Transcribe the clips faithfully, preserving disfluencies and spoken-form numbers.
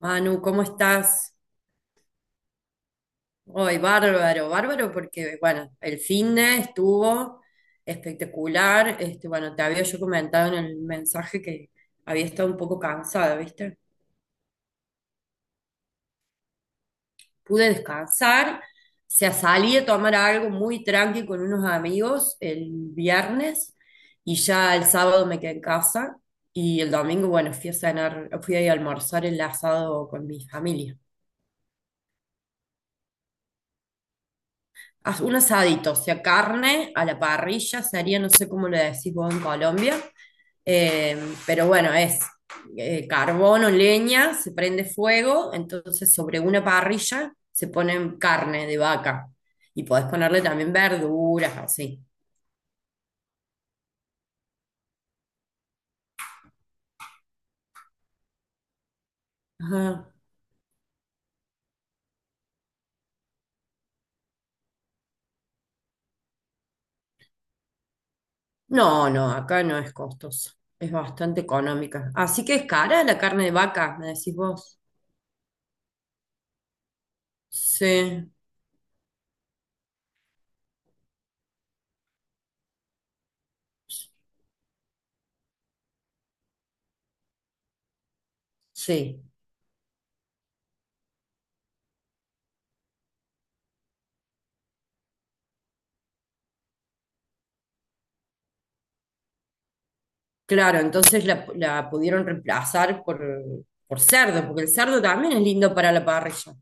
Manu, ¿cómo estás? Hoy, bárbaro, bárbaro, porque, bueno, el finde estuvo espectacular. Este, bueno, te había yo comentado en el mensaje que había estado un poco cansada, ¿viste? Pude descansar, se salí a tomar algo muy tranqui con unos amigos el viernes, y ya el sábado me quedé en casa y el domingo, bueno, fui a cenar, fui a almorzar el asado con mi familia. As- un asadito, o sea, carne a la parrilla, sería, no sé cómo le decís vos en Colombia, eh, pero bueno, es eh, carbono, leña, se prende fuego, entonces sobre una parrilla se pone carne de vaca y podés ponerle también verduras, así. Ajá. No, no, acá no es costoso, es bastante económica. Así que es cara la carne de vaca, me decís vos. Sí, sí. Claro, entonces la, la pudieron reemplazar por, por cerdo, porque el cerdo también es lindo para la parrilla.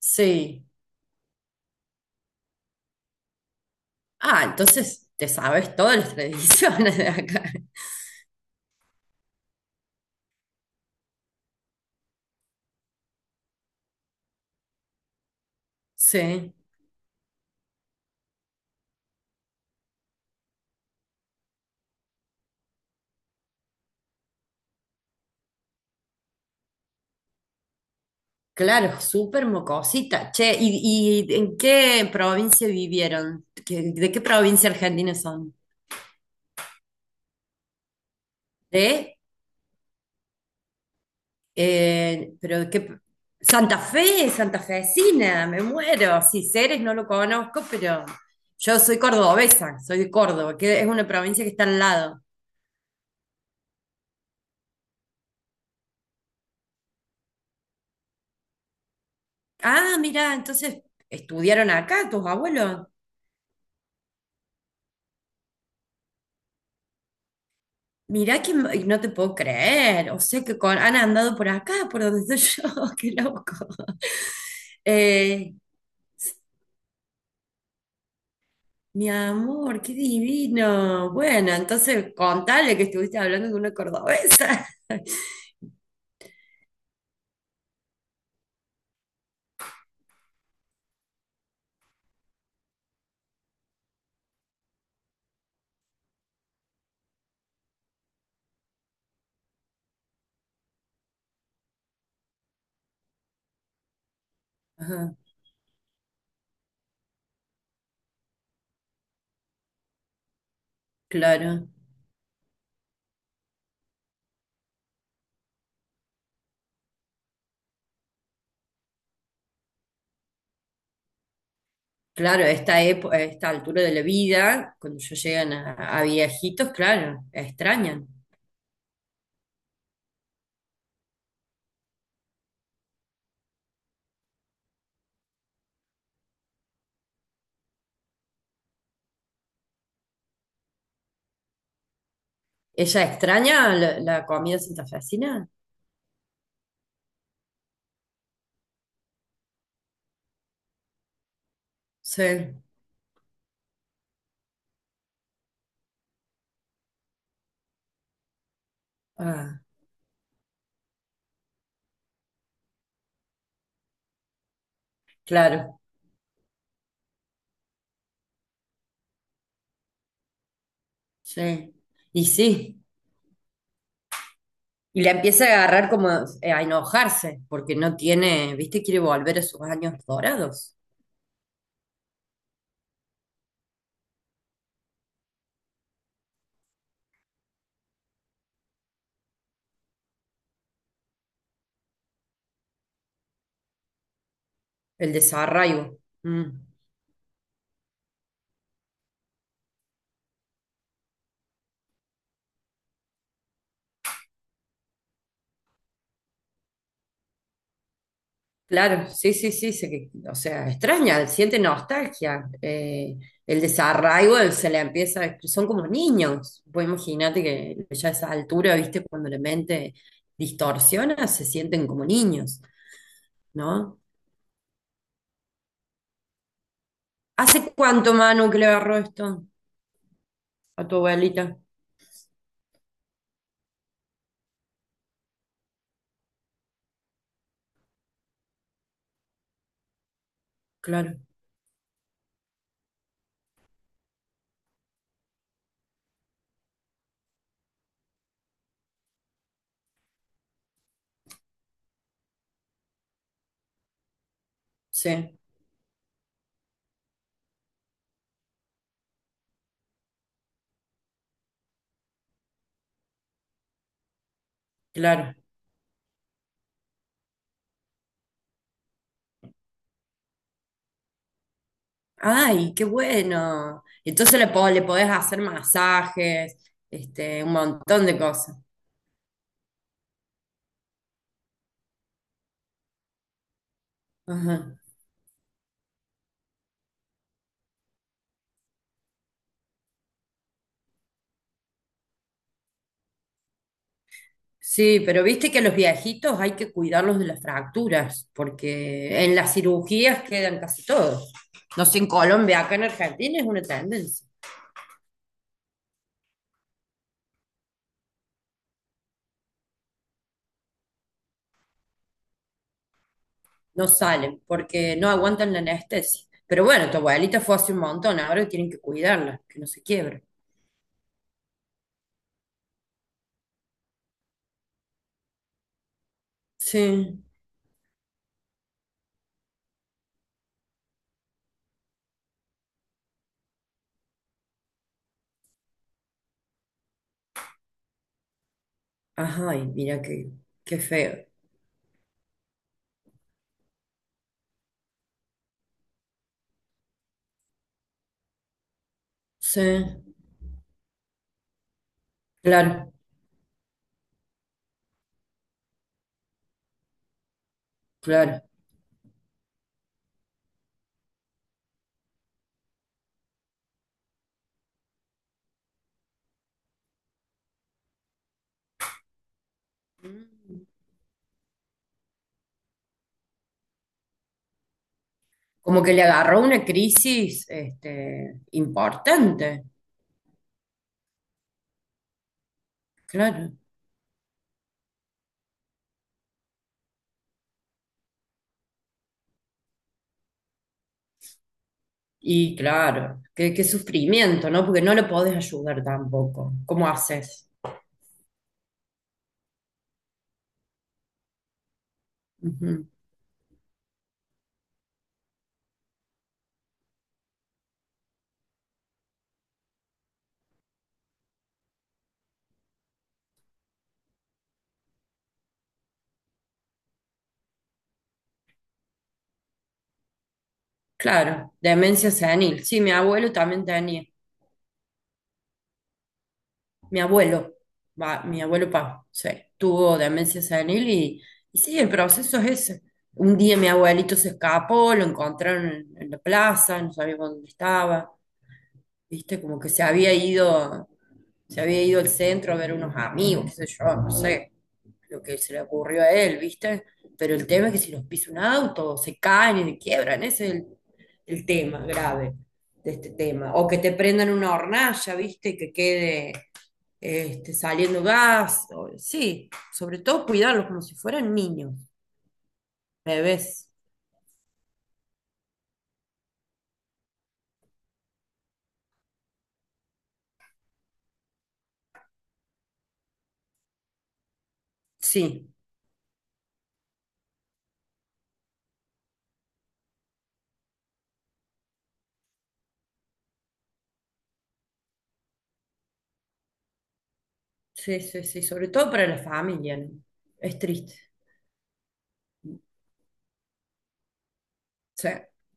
Sí. Ah, entonces te sabes todas las tradiciones de acá. Sí. Claro, súper mocosita. Che, ¿y, y en qué provincia vivieron? ¿Qué- ¿De qué provincia argentina son? ¿De? Eh, pero qué Santa Fe, santafesina, me muero. Si Ceres no lo conozco, pero yo soy cordobesa, soy de Córdoba, que es una provincia que está al lado. Ah, mira, entonces estudiaron acá tus abuelos. Mirá que m- no te puedo creer. O sea que con- han andado por acá, por donde estoy yo. Qué loco. Eh, mi amor, qué divino. Bueno, entonces contale que estuviste hablando con una cordobesa. Ajá. Claro, claro, esta epo- a esta altura de la vida, cuando ya llegan a, a viejitos, claro, extrañan. ¿Ella extraña la, la comida santafesina? Sí, ah, claro, sí. Y sí, y la empieza a agarrar como eh, a enojarse, porque no tiene, viste, quiere volver a sus años dorados, el desarraigo. Mm. Claro, sí, sí, sí, se- o sea, extraña, siente nostalgia, eh, el desarraigo él se le empieza, son como niños, vos imagínate que ya a esa altura, viste, cuando la mente distorsiona, se sienten como niños, ¿no? ¿Hace cuánto, Manu, que le agarró esto a tu abuelita? Claro, sí, claro. Ay, qué bueno. Entonces le, po- le podés hacer masajes, este, un montón de cosas. Ajá. Sí, pero viste que a los viejitos hay que cuidarlos de las fracturas, porque en las cirugías quedan casi todos. No sé, en Colombia, acá en Argentina es una tendencia. No salen porque no aguantan la anestesia. Pero bueno, tu abuelita fue hace un montón, ahora tienen que cuidarla, que no se quiebre. Sí. Ajá, y mira qué, qué feo. Sí, claro, claro. Mm. Como que le agarró una crisis, este, importante. Claro. Y claro, qué, qué sufrimiento, ¿no? Porque no lo podés ayudar tampoco. ¿Cómo haces? Ujú. Claro, demencia senil. Sí, mi abuelo también tenía. Mi abuelo, va, mi abuelo pa, sí, tuvo demencia senil y, y sí, el proceso es ese. Un día mi abuelito se escapó, lo encontraron en, en la plaza, no sabíamos dónde estaba, viste, como que se había ido, se había ido al centro a ver unos amigos, qué sé yo, no sé, lo que se le ocurrió a él, viste, pero el tema es que si los pisa un auto, se caen y se quiebran, ese es el, el tema grave de este tema, o que te prendan una hornalla, viste, y que quede este, saliendo gas, o- sí, sobre todo cuidarlos como si fueran niños, bebés, sí, sí, sí, sí, sobre todo para la familia, ¿no? Es triste, sí,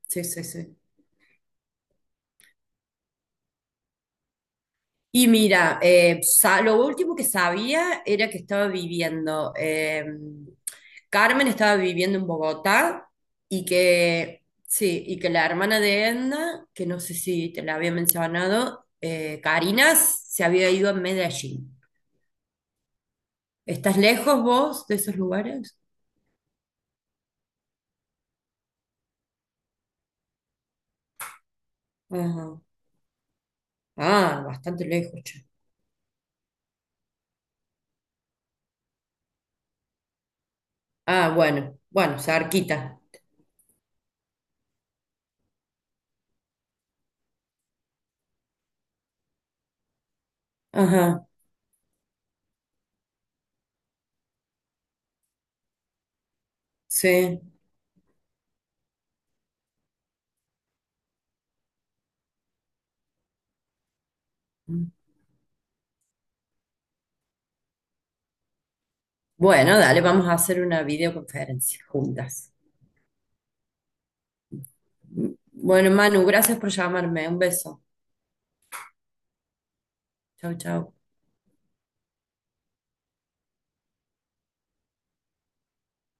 sí, sí, sí. Y mira, eh, sa- lo último que sabía era que estaba viviendo, eh, Carmen estaba viviendo en Bogotá y que, sí, y que la hermana de Edna, que no sé si te la había mencionado, eh, Karina, se había ido a Medellín. ¿Estás lejos vos de esos lugares? Ajá. Ah, bastante lejos, che. Ah, bueno, bueno, cerquita. Ajá, sí. Bueno, dale, vamos a hacer una videoconferencia juntas. Bueno, Manu, gracias por llamarme. Un beso. Chau, chau.